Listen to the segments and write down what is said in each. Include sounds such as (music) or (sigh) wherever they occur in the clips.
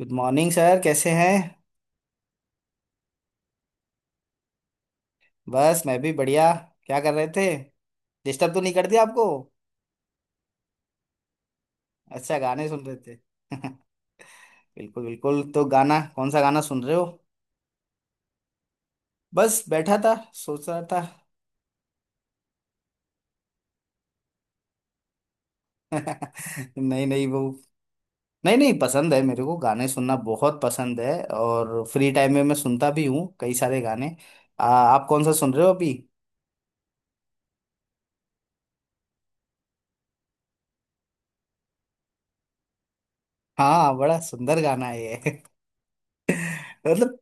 Good morning sir, कैसे हैं। बस मैं भी बढ़िया। क्या कर रहे थे? डिस्टर्ब तो नहीं कर दिया आपको? अच्छा, गाने सुन रहे थे (laughs) बिल्कुल बिल्कुल, तो गाना कौन सा गाना सुन रहे हो? बस बैठा था, सोच रहा था। (laughs) नहीं नहीं वो। नहीं नहीं, पसंद है, मेरे को गाने सुनना बहुत पसंद है। और फ्री टाइम में मैं सुनता भी हूँ कई सारे गाने। आप कौन सा सुन रहे हो अभी? हाँ, बड़ा सुंदर गाना है ये (laughs) मतलब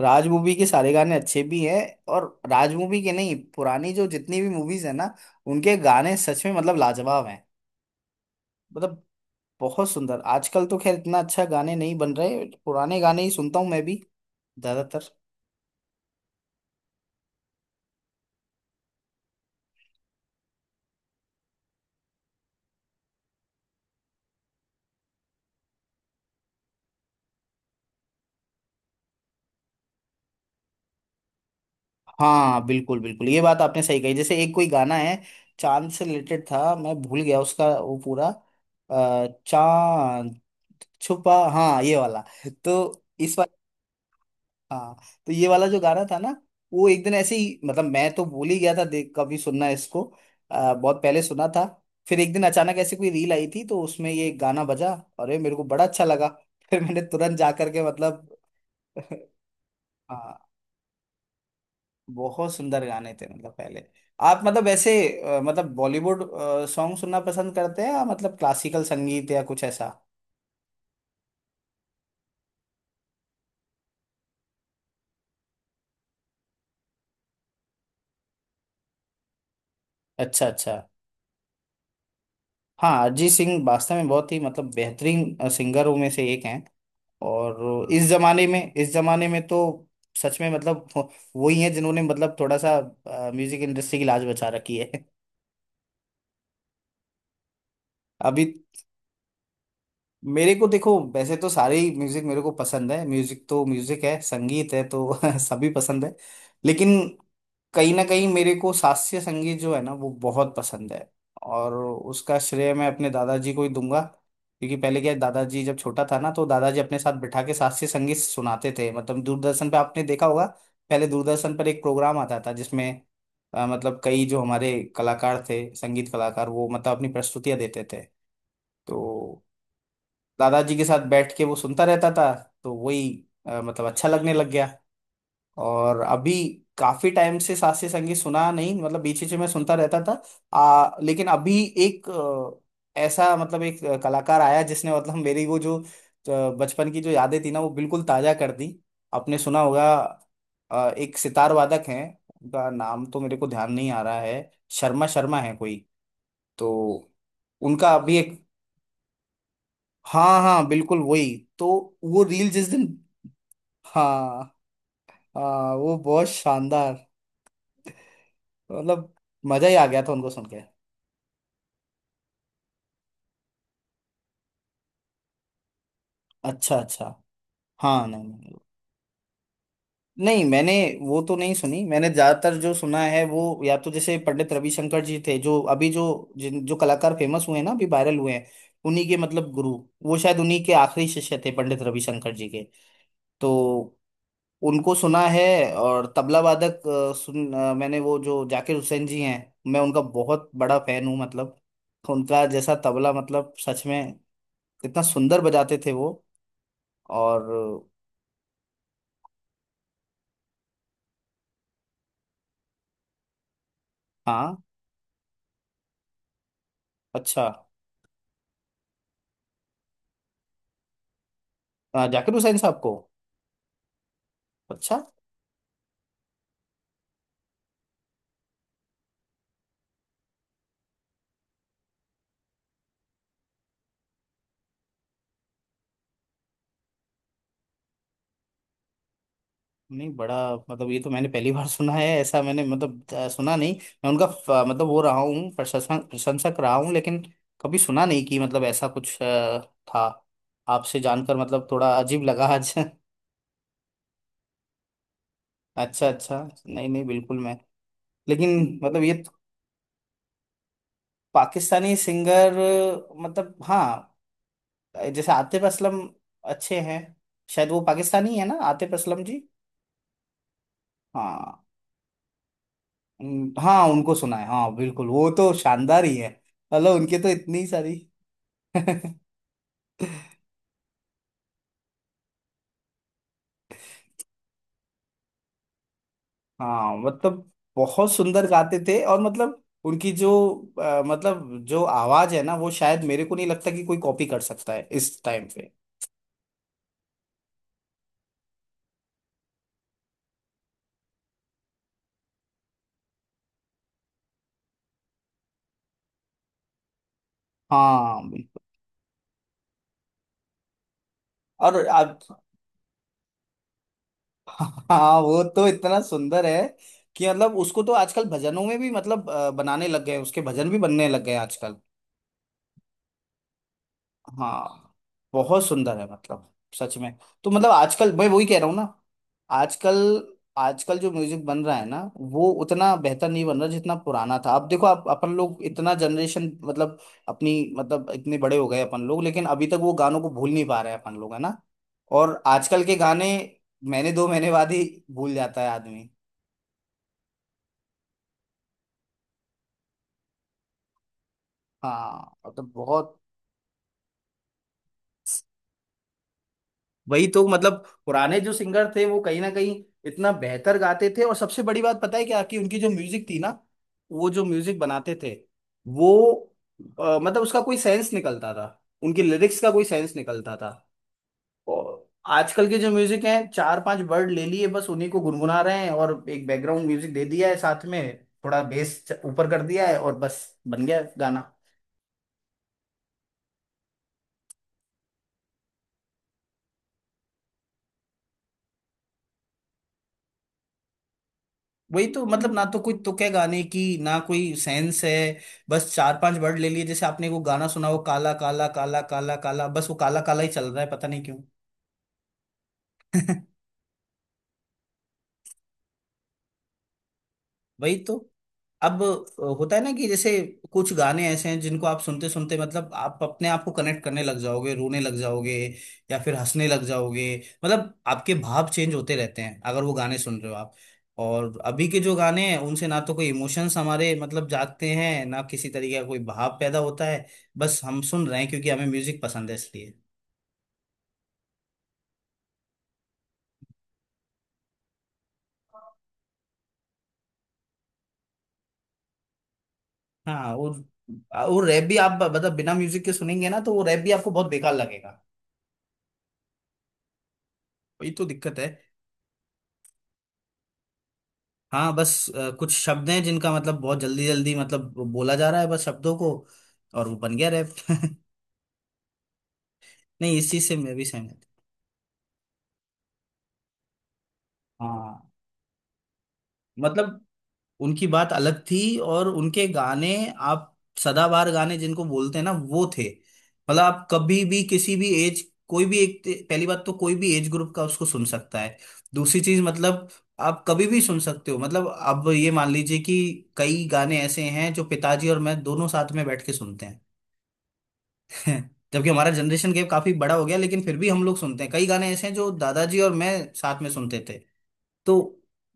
राज मूवी के सारे गाने अच्छे भी हैं। और राज मूवी के नहीं, पुरानी जो जितनी भी मूवीज है ना, उनके गाने सच में मतलब लाजवाब हैं। मतलब बहुत सुंदर। आजकल तो खैर इतना अच्छा गाने नहीं बन रहे, पुराने गाने ही सुनता हूँ मैं भी ज्यादातर। हाँ बिल्कुल बिल्कुल, ये बात आपने सही कही। जैसे एक कोई गाना है, चांद से रिलेटेड था, मैं भूल गया उसका वो पूरा। चांद छुपा। हाँ ये वाला। तो इस, हाँ, तो ये वाला जो गाना था ना, वो एक दिन ऐसे ही मतलब मैं तो भूल ही गया था, देख कभी सुनना इसको। बहुत पहले सुना था। फिर एक दिन अचानक ऐसे कोई रील आई थी, तो उसमें ये गाना बजा। अरे, मेरे को बड़ा अच्छा लगा (laughs) फिर मैंने तुरंत जा करके मतलब (laughs) हाँ, बहुत सुंदर गाने थे मतलब पहले। आप मतलब ऐसे मतलब बॉलीवुड सॉन्ग सुनना पसंद करते हैं या मतलब क्लासिकल संगीत या कुछ ऐसा? अच्छा अच्छा। हाँ, अरिजीत सिंह वास्तव में बहुत ही मतलब बेहतरीन सिंगरों में से एक हैं। और इस जमाने में, इस जमाने में तो सच में मतलब (laughs) वही है जिन्होंने मतलब थोड़ा सा म्यूजिक इंडस्ट्री की लाज बचा रखी है (laughs) अभी मेरे को देखो, वैसे तो सारे ही म्यूजिक मेरे को पसंद है। म्यूजिक तो म्यूजिक है, संगीत है तो (laughs) सभी पसंद है। लेकिन कहीं ना कहीं मेरे को शास्त्रीय संगीत जो है ना वो बहुत पसंद है। और उसका श्रेय मैं अपने दादाजी को ही दूंगा, क्योंकि पहले क्या है, दादाजी जब छोटा था ना तो दादाजी अपने साथ बिठा के शास्त्रीय संगीत सुनाते थे। मतलब दूरदर्शन पे आपने देखा होगा, पहले दूरदर्शन पर एक प्रोग्राम आता था जिसमें मतलब कई जो हमारे कलाकार थे, संगीत कलाकार, वो मतलब अपनी प्रस्तुतियां देते थे। तो दादाजी के साथ बैठ के वो सुनता रहता था। तो वही मतलब अच्छा लगने लग गया। और अभी काफी टाइम से शास्त्रीय संगीत सुना नहीं, मतलब बीच बीच में मैं सुनता रहता था। लेकिन अभी एक ऐसा मतलब एक कलाकार आया जिसने मतलब मेरी वो जो बचपन की जो यादें थी ना वो बिल्कुल ताजा कर दी। आपने सुना होगा एक सितार वादक हैं। उनका नाम तो मेरे को ध्यान नहीं आ रहा है, शर्मा शर्मा है कोई। तो उनका अभी एक, हाँ हाँ बिल्कुल वही तो। वो रील जिस दिन, हाँ हाँ, वो बहुत शानदार। मतलब मजा ही आ गया था उनको सुन के। अच्छा अच्छा। हाँ नहीं नहीं, नहीं मैंने वो तो नहीं सुनी। मैंने ज्यादातर जो सुना है वो या तो जैसे पंडित रविशंकर जी थे, जो अभी जो जिन जो कलाकार फेमस हुए हैं ना, अभी वायरल हुए हैं, उन्हीं के मतलब गुरु, वो शायद उन्हीं के आखिरी शिष्य थे पंडित रविशंकर जी के। तो उनको सुना है। और तबला वादक सुन मैंने वो जो जाकिर हुसैन जी हैं, मैं उनका बहुत बड़ा फैन हूँ। मतलब उनका जैसा तबला, मतलब सच में, इतना सुंदर बजाते थे वो। और हाँ, अच्छा, जाकिर हुसैन साहब को? अच्छा, नहीं बड़ा मतलब ये तो मैंने पहली बार सुना है ऐसा। मैंने मतलब सुना नहीं। मैं उनका मतलब वो रहा हूँ, प्रशंसक प्रशंसक रहा हूँ, लेकिन कभी सुना नहीं कि मतलब ऐसा कुछ था। आपसे जानकर मतलब थोड़ा अजीब लगा आज (laughs) अच्छा अच्छा, नहीं नहीं बिल्कुल मैं, लेकिन मतलब ये तो, पाकिस्तानी सिंगर, मतलब हाँ, जैसे आतिफ असलम, अच्छे हैं। शायद वो पाकिस्तानी है ना, आतिफ असलम जी? हाँ, हाँ उनको सुना है, हाँ बिल्कुल, वो तो शानदार ही है। मतलब उनके तो इतनी सारी (laughs) हाँ, मतलब बहुत सुंदर गाते थे। और मतलब उनकी जो मतलब जो आवाज है ना वो शायद मेरे को नहीं लगता कि कोई कॉपी कर सकता है इस टाइम पे। हाँ बिल्कुल। और आप (laughs) हाँ वो तो इतना सुंदर है कि मतलब उसको तो आजकल भजनों में भी मतलब बनाने लग गए हैं, उसके भजन भी बनने लग गए हैं आजकल। हाँ बहुत सुंदर है मतलब सच में। तो मतलब आजकल मैं वही कह रहा हूँ ना। आजकल, आजकल जो म्यूजिक बन रहा है ना वो उतना बेहतर नहीं बन रहा जितना पुराना था। अब देखो आप, अपन लोग इतना जनरेशन मतलब अपनी मतलब इतने बड़े हो गए अपन लोग, लेकिन अभी तक वो गानों को भूल नहीं पा रहे हैं अपन लोग, है ना। और आजकल के गाने महीने दो महीने बाद ही भूल जाता है आदमी। हाँ मतलब बहुत। वही तो मतलब पुराने जो सिंगर थे वो कहीं ना कहीं इतना बेहतर गाते थे। और सबसे बड़ी बात पता है क्या, कि उनकी जो म्यूजिक थी ना, वो जो म्यूजिक बनाते थे, वो मतलब उसका कोई सेंस निकलता था, उनकी लिरिक्स का कोई सेंस निकलता था। और आजकल के जो म्यूजिक हैं, चार पांच वर्ड ले लिए बस उन्हीं को गुनगुना रहे हैं और एक बैकग्राउंड म्यूजिक दे दिया है साथ में, थोड़ा बेस ऊपर कर दिया है और बस बन गया गाना। वही तो मतलब, ना तो कोई तुक है गाने की ना कोई सेंस है। बस चार पांच वर्ड ले लिए, जैसे आपने वो गाना सुना, वो काला काला काला काला काला, बस वो काला काला ही चल रहा है, पता नहीं क्यों। वही तो। अब होता है ना कि जैसे कुछ गाने ऐसे हैं जिनको आप सुनते सुनते मतलब आप अपने आप को कनेक्ट करने लग जाओगे, रोने लग जाओगे या फिर हंसने लग जाओगे। मतलब आपके भाव चेंज होते रहते हैं अगर वो गाने सुन रहे हो आप। और अभी के जो गाने हैं उनसे ना तो कोई इमोशंस हमारे मतलब जागते हैं, ना किसी तरीके का कोई भाव पैदा होता है। बस हम सुन रहे हैं क्योंकि हमें म्यूजिक पसंद है इसलिए। हाँ। और रैप भी आप मतलब बिना म्यूजिक के सुनेंगे ना तो वो रैप भी आपको बहुत बेकार लगेगा। वही तो दिक्कत है। हाँ बस कुछ शब्द हैं जिनका मतलब बहुत जल्दी जल्दी मतलब बोला जा रहा है, बस शब्दों को। और वो बन गया रैप (laughs) नहीं इस चीज से मैं भी सहमत हूँ। हाँ मतलब उनकी बात अलग थी। और उनके गाने, आप, सदाबहार गाने जिनको बोलते हैं ना वो थे। मतलब आप कभी भी किसी भी एज, कोई भी एक, पहली बात तो कोई भी एज ग्रुप का उसको सुन सकता है। दूसरी चीज मतलब आप कभी भी सुन सकते हो, मतलब अब ये मान लीजिए कि कई गाने ऐसे हैं जो पिताजी और मैं दोनों साथ में बैठ के सुनते हैं। जबकि हमारा जनरेशन गैप काफी बड़ा हो गया, लेकिन फिर भी हम लोग सुनते हैं। कई गाने ऐसे हैं जो दादाजी और मैं साथ में सुनते थे। तो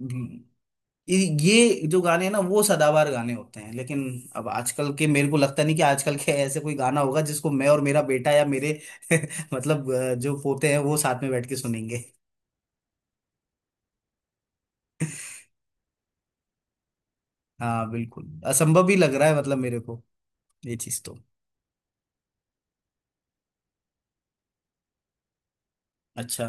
हम्म, ये ये जो गाने हैं ना वो सदाबहार गाने होते हैं। लेकिन अब आजकल के, मेरे को लगता नहीं कि आजकल के ऐसे कोई गाना होगा जिसको मैं और मेरा बेटा या मेरे (laughs) मतलब जो पोते हैं वो साथ में बैठ के सुनेंगे। हाँ बिल्कुल, असंभव ही लग रहा है मतलब मेरे को। ये चीज तो, अच्छा,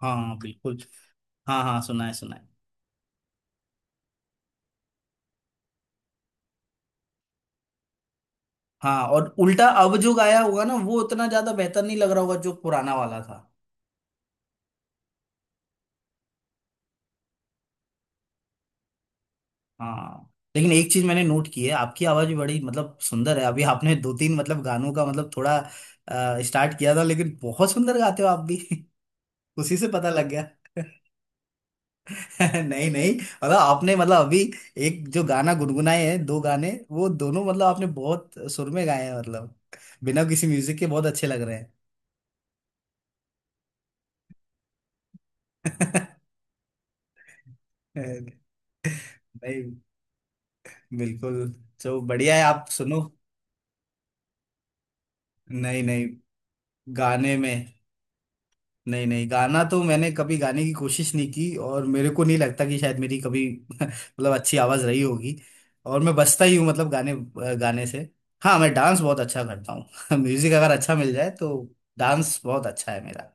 हाँ बिल्कुल, हाँ हाँ सुना है सुना है। हाँ और उल्टा अब जो गाया होगा ना वो उतना ज्यादा बेहतर नहीं लग रहा होगा जो पुराना वाला था। हाँ। लेकिन एक चीज मैंने नोट की है, आपकी आवाज भी बड़ी मतलब सुंदर है। अभी आपने दो तीन मतलब गानों का मतलब थोड़ा स्टार्ट किया था, लेकिन बहुत सुंदर गाते हो आप भी (laughs) उसी से पता लग गया। (laughs) नहीं नहीं, मतलब आपने मतलब अभी एक जो गाना गुनगुनाए हैं दो गाने, वो दोनों मतलब आपने बहुत सुर में गाए हैं। मतलब बिना किसी म्यूजिक के बहुत अच्छे लग रहे हैं। (laughs) नहीं बिल्कुल, तो बढ़िया है, आप सुनो। नहीं नहीं, गाने में, नहीं नहीं, गाना तो मैंने कभी गाने की कोशिश नहीं की और मेरे को नहीं लगता कि शायद मेरी कभी (laughs) मतलब अच्छी आवाज रही होगी। और मैं बजता ही हूँ मतलब गाने, गाने से। हाँ मैं डांस बहुत अच्छा करता हूँ (laughs) म्यूजिक अगर अच्छा मिल जाए तो डांस बहुत अच्छा है मेरा।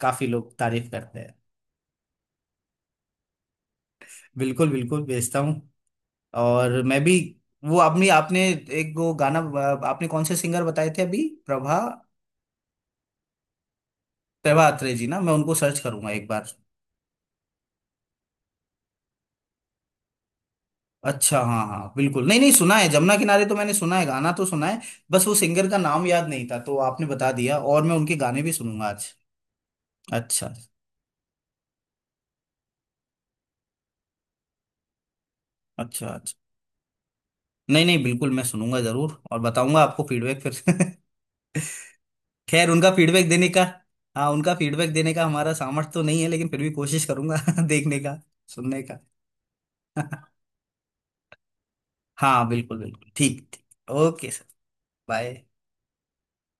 काफी लोग तारीफ करते हैं। बिल्कुल बिल्कुल, भेजता हूँ। और मैं भी। वो आपने आपने एक वो गाना, आपने कौन से सिंगर बताए थे अभी? प्रभा, प्रभा अत्रे जी ना, मैं उनको सर्च करूंगा एक बार। अच्छा हाँ हाँ बिल्कुल, नहीं नहीं सुना है, जमुना किनारे तो मैंने सुना है, गाना तो सुना है, बस वो सिंगर का नाम याद नहीं था। तो आपने बता दिया और मैं उनके गाने भी सुनूंगा आज। अच्छा अच्छा अच्छा। नहीं नहीं बिल्कुल, मैं सुनूंगा जरूर और बताऊंगा आपको फीडबैक फिर (laughs) खैर उनका फीडबैक देने का, हाँ, उनका फीडबैक देने का हमारा सामर्थ्य तो नहीं है, लेकिन फिर भी कोशिश करूंगा (laughs) देखने का, सुनने का (laughs) हाँ बिल्कुल बिल्कुल, ठीक ठीक, ओके सर, बाय।